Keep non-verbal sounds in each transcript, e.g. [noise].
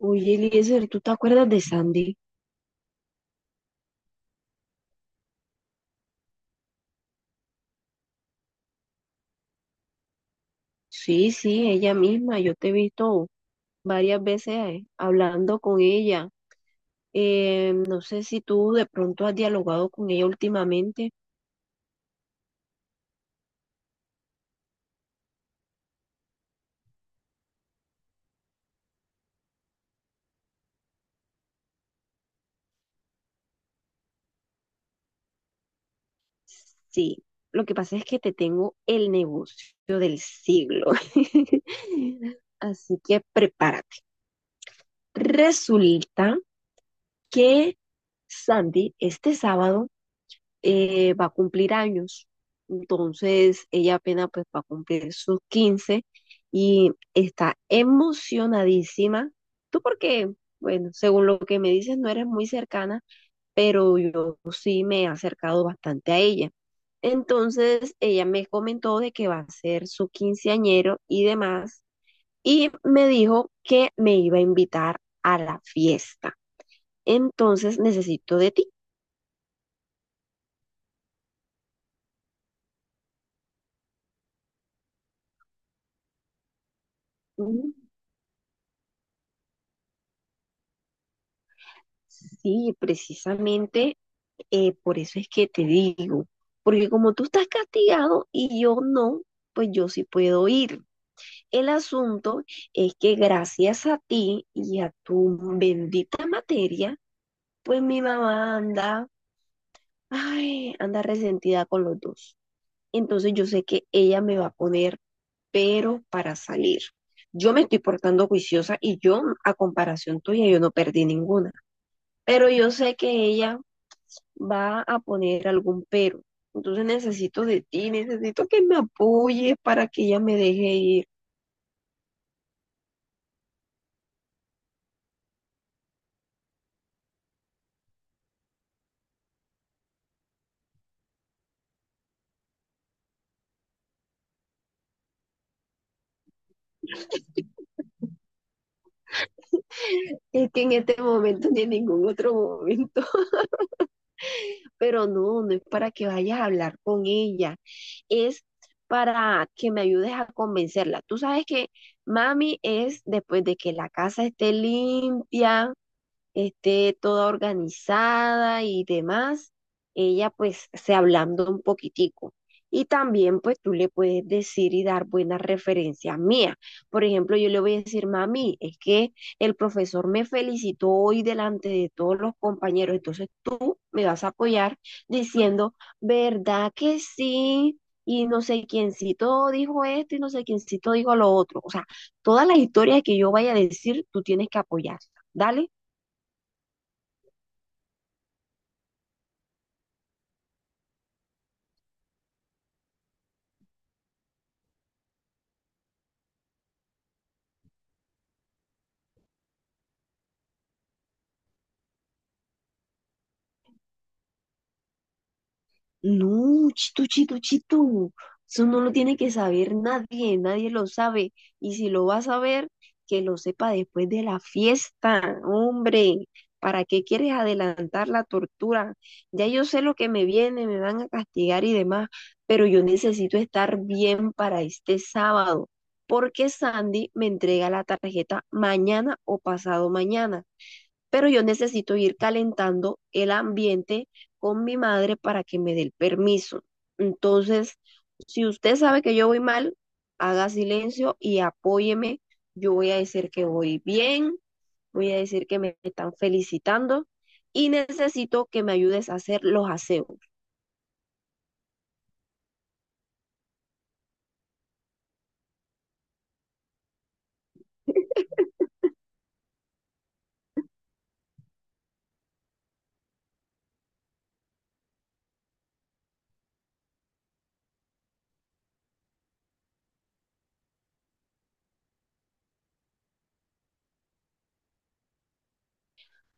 Oye, Eliezer, ¿tú te acuerdas de Sandy? Sí, sí, ella misma. Yo te he visto varias veces hablando con ella. No sé si tú de pronto has dialogado con ella últimamente. Sí, lo que pasa es que te tengo el negocio del siglo. [laughs] Así que prepárate. Resulta que Sandy este sábado va a cumplir años. Entonces, ella apenas pues va a cumplir sus 15 y está emocionadísima. Tú porque, bueno, según lo que me dices, no eres muy cercana, pero yo sí me he acercado bastante a ella. Entonces, ella me comentó de que va a ser su quinceañero y demás, y me dijo que me iba a invitar a la fiesta. Entonces, necesito de ti. Mm, Sí, precisamente. Por eso es que te digo, porque como tú estás castigado y yo no, pues yo sí puedo ir. El asunto es que gracias a ti y a tu bendita materia, pues mi mamá anda, ay, anda resentida con los dos. Entonces yo sé que ella me va a poner pero para salir. Yo me estoy portando juiciosa y yo, a comparación tuya, yo no perdí ninguna. Pero yo sé que ella va a poner algún pero. Entonces necesito de ti, necesito que me apoyes para que ella me deje ir. Es que en este momento ni en ningún otro momento, [laughs] pero no, no es para que vayas a hablar con ella, es para que me ayudes a convencerla. Tú sabes que mami es después de que la casa esté limpia, esté toda organizada y demás, ella pues se ablanda un poquitico. Y también pues tú le puedes decir y dar buenas referencias mías. Por ejemplo, yo le voy a decir, mami, es que el profesor me felicitó hoy delante de todos los compañeros, entonces tú me vas a apoyar diciendo, ¿verdad que sí? Y no sé quiéncito dijo esto y no sé quiéncito dijo lo otro. O sea, todas las historias que yo vaya a decir, tú tienes que apoyar. Dale. No, chitu, chitu, chitu. Eso no lo tiene que saber nadie, nadie lo sabe. Y si lo va a saber, que lo sepa después de la fiesta, hombre. ¿Para qué quieres adelantar la tortura? Ya yo sé lo que me viene, me van a castigar y demás, pero yo necesito estar bien para este sábado, porque Sandy me entrega la tarjeta mañana o pasado mañana, pero yo necesito ir calentando el ambiente con mi madre para que me dé el permiso. Entonces, si usted sabe que yo voy mal, haga silencio y apóyeme. Yo voy a decir que voy bien, voy a decir que me están felicitando y necesito que me ayudes a hacer los aseos.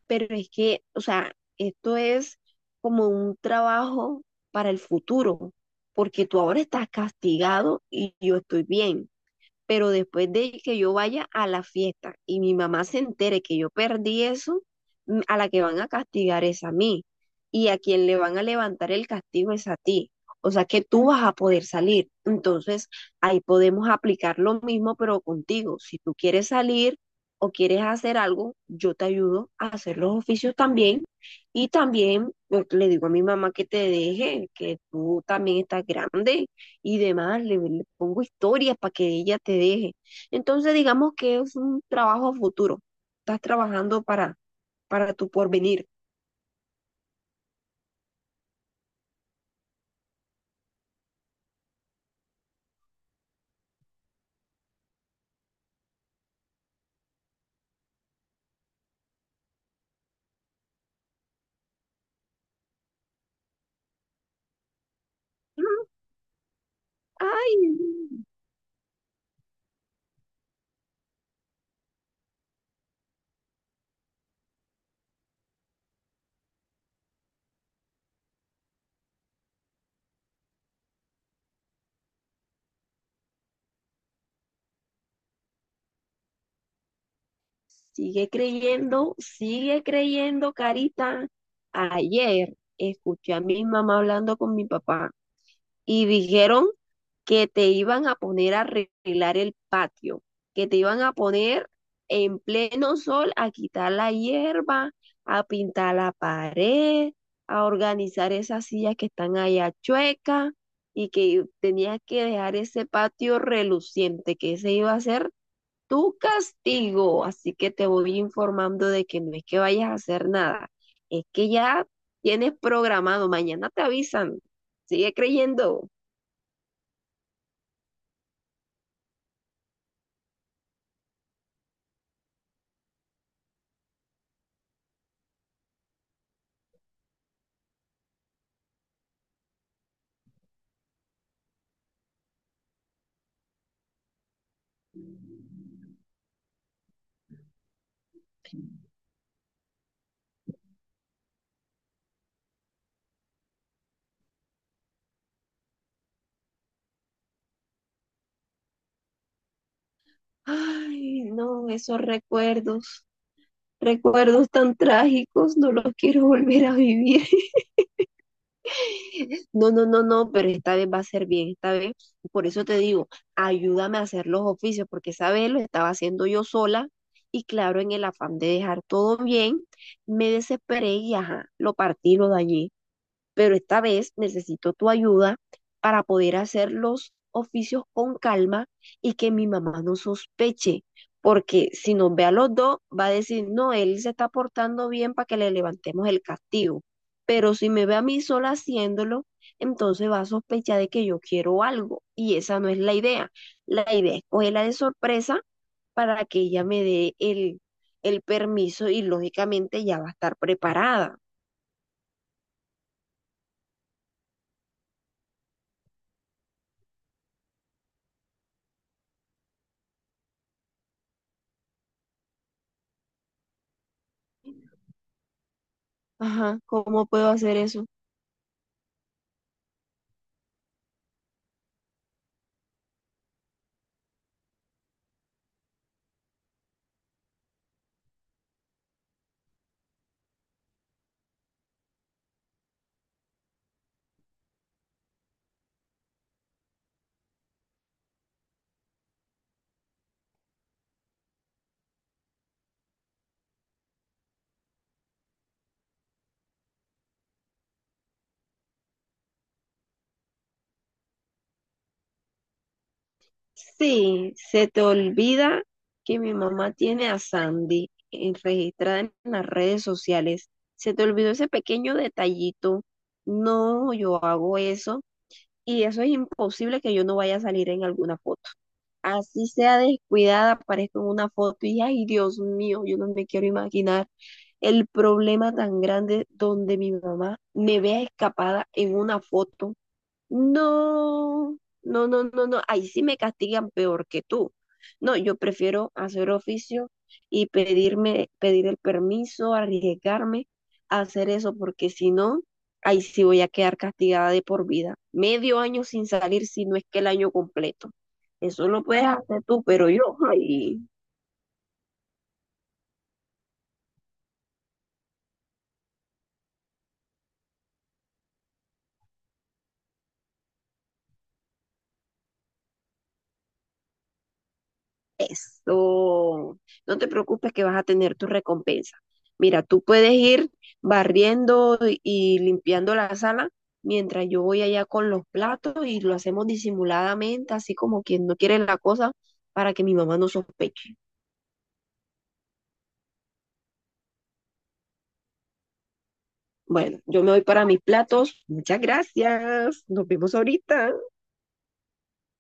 Pero es que, o sea, esto es como un trabajo para el futuro, porque tú ahora estás castigado y yo estoy bien. Pero después de que yo vaya a la fiesta y mi mamá se entere que yo perdí eso, mm, a la que van a castigar es a mí y a quien le van a levantar el castigo es a ti. O sea que tú vas a poder salir. Entonces, ahí podemos aplicar lo mismo, pero contigo. Si tú quieres salir o quieres hacer algo, yo te ayudo a hacer los oficios también. Y también pues, le digo a mi mamá que te deje, que tú también estás grande y demás, le pongo historias para que ella te deje. Entonces, digamos que es un trabajo futuro. Estás trabajando para tu porvenir. Mm, Ay, sigue creyendo, Carita. Ayer escuché a mi mamá hablando con mi papá y dijeron que te iban a poner a arreglar el patio, que te iban a poner en pleno sol a quitar la hierba, a pintar la pared, a organizar esas sillas que están allá chuecas y que tenías que dejar ese patio reluciente, que ese iba a ser tu castigo. Así que te voy informando de que no es que vayas a hacer nada, es que ya tienes programado, mañana te avisan. Sigue creyendo. Ay, no, esos recuerdos, recuerdos tan trágicos, no los quiero [laughs] volver a vivir. [laughs] No, no, no, no, pero esta vez va a ser bien, esta vez, por eso te digo, ayúdame a hacer los oficios, porque esa vez lo estaba haciendo yo sola y claro, en el afán de dejar todo bien, me desesperé y ajá, lo partí, lo dañé, pero esta vez necesito tu ayuda para poder hacer los oficios con calma y que mi mamá no sospeche, porque si nos ve a los dos, va a decir, no, él se está portando bien para que le levantemos el castigo, pero si me ve a mí sola haciéndolo, entonces va a sospechar de que yo quiero algo y esa no es la idea. La idea es cogerla de sorpresa para que ella me dé el permiso y lógicamente ya va a estar preparada. Ajá, ¿cómo puedo hacer eso? Sí, se te olvida que mi mamá tiene a Sandy en- registrada en las redes sociales. Se te olvidó ese pequeño detallito. No, yo hago eso y eso es imposible que yo no vaya a salir en alguna foto. Así sea descuidada, aparezco en una foto y ay, Dios mío, yo no me quiero imaginar el problema tan grande donde mi mamá me vea escapada en una foto. No, no, no, no, no. Ahí sí me castigan peor que tú. No, yo prefiero hacer oficio y pedirme, pedir el permiso, arriesgarme a hacer eso, porque si no, ahí sí voy a quedar castigada de por vida. medio año sin salir, si no es que el año completo. Eso lo puedes hacer tú, pero yo, ay. Eso, no te preocupes que vas a tener tu recompensa. Mira, tú puedes ir barriendo y limpiando la sala mientras yo voy allá con los platos y lo hacemos disimuladamente, así como quien no quiere la cosa, para que mi mamá no sospeche. Bueno, yo me voy para mis platos. Muchas gracias. Nos vemos ahorita.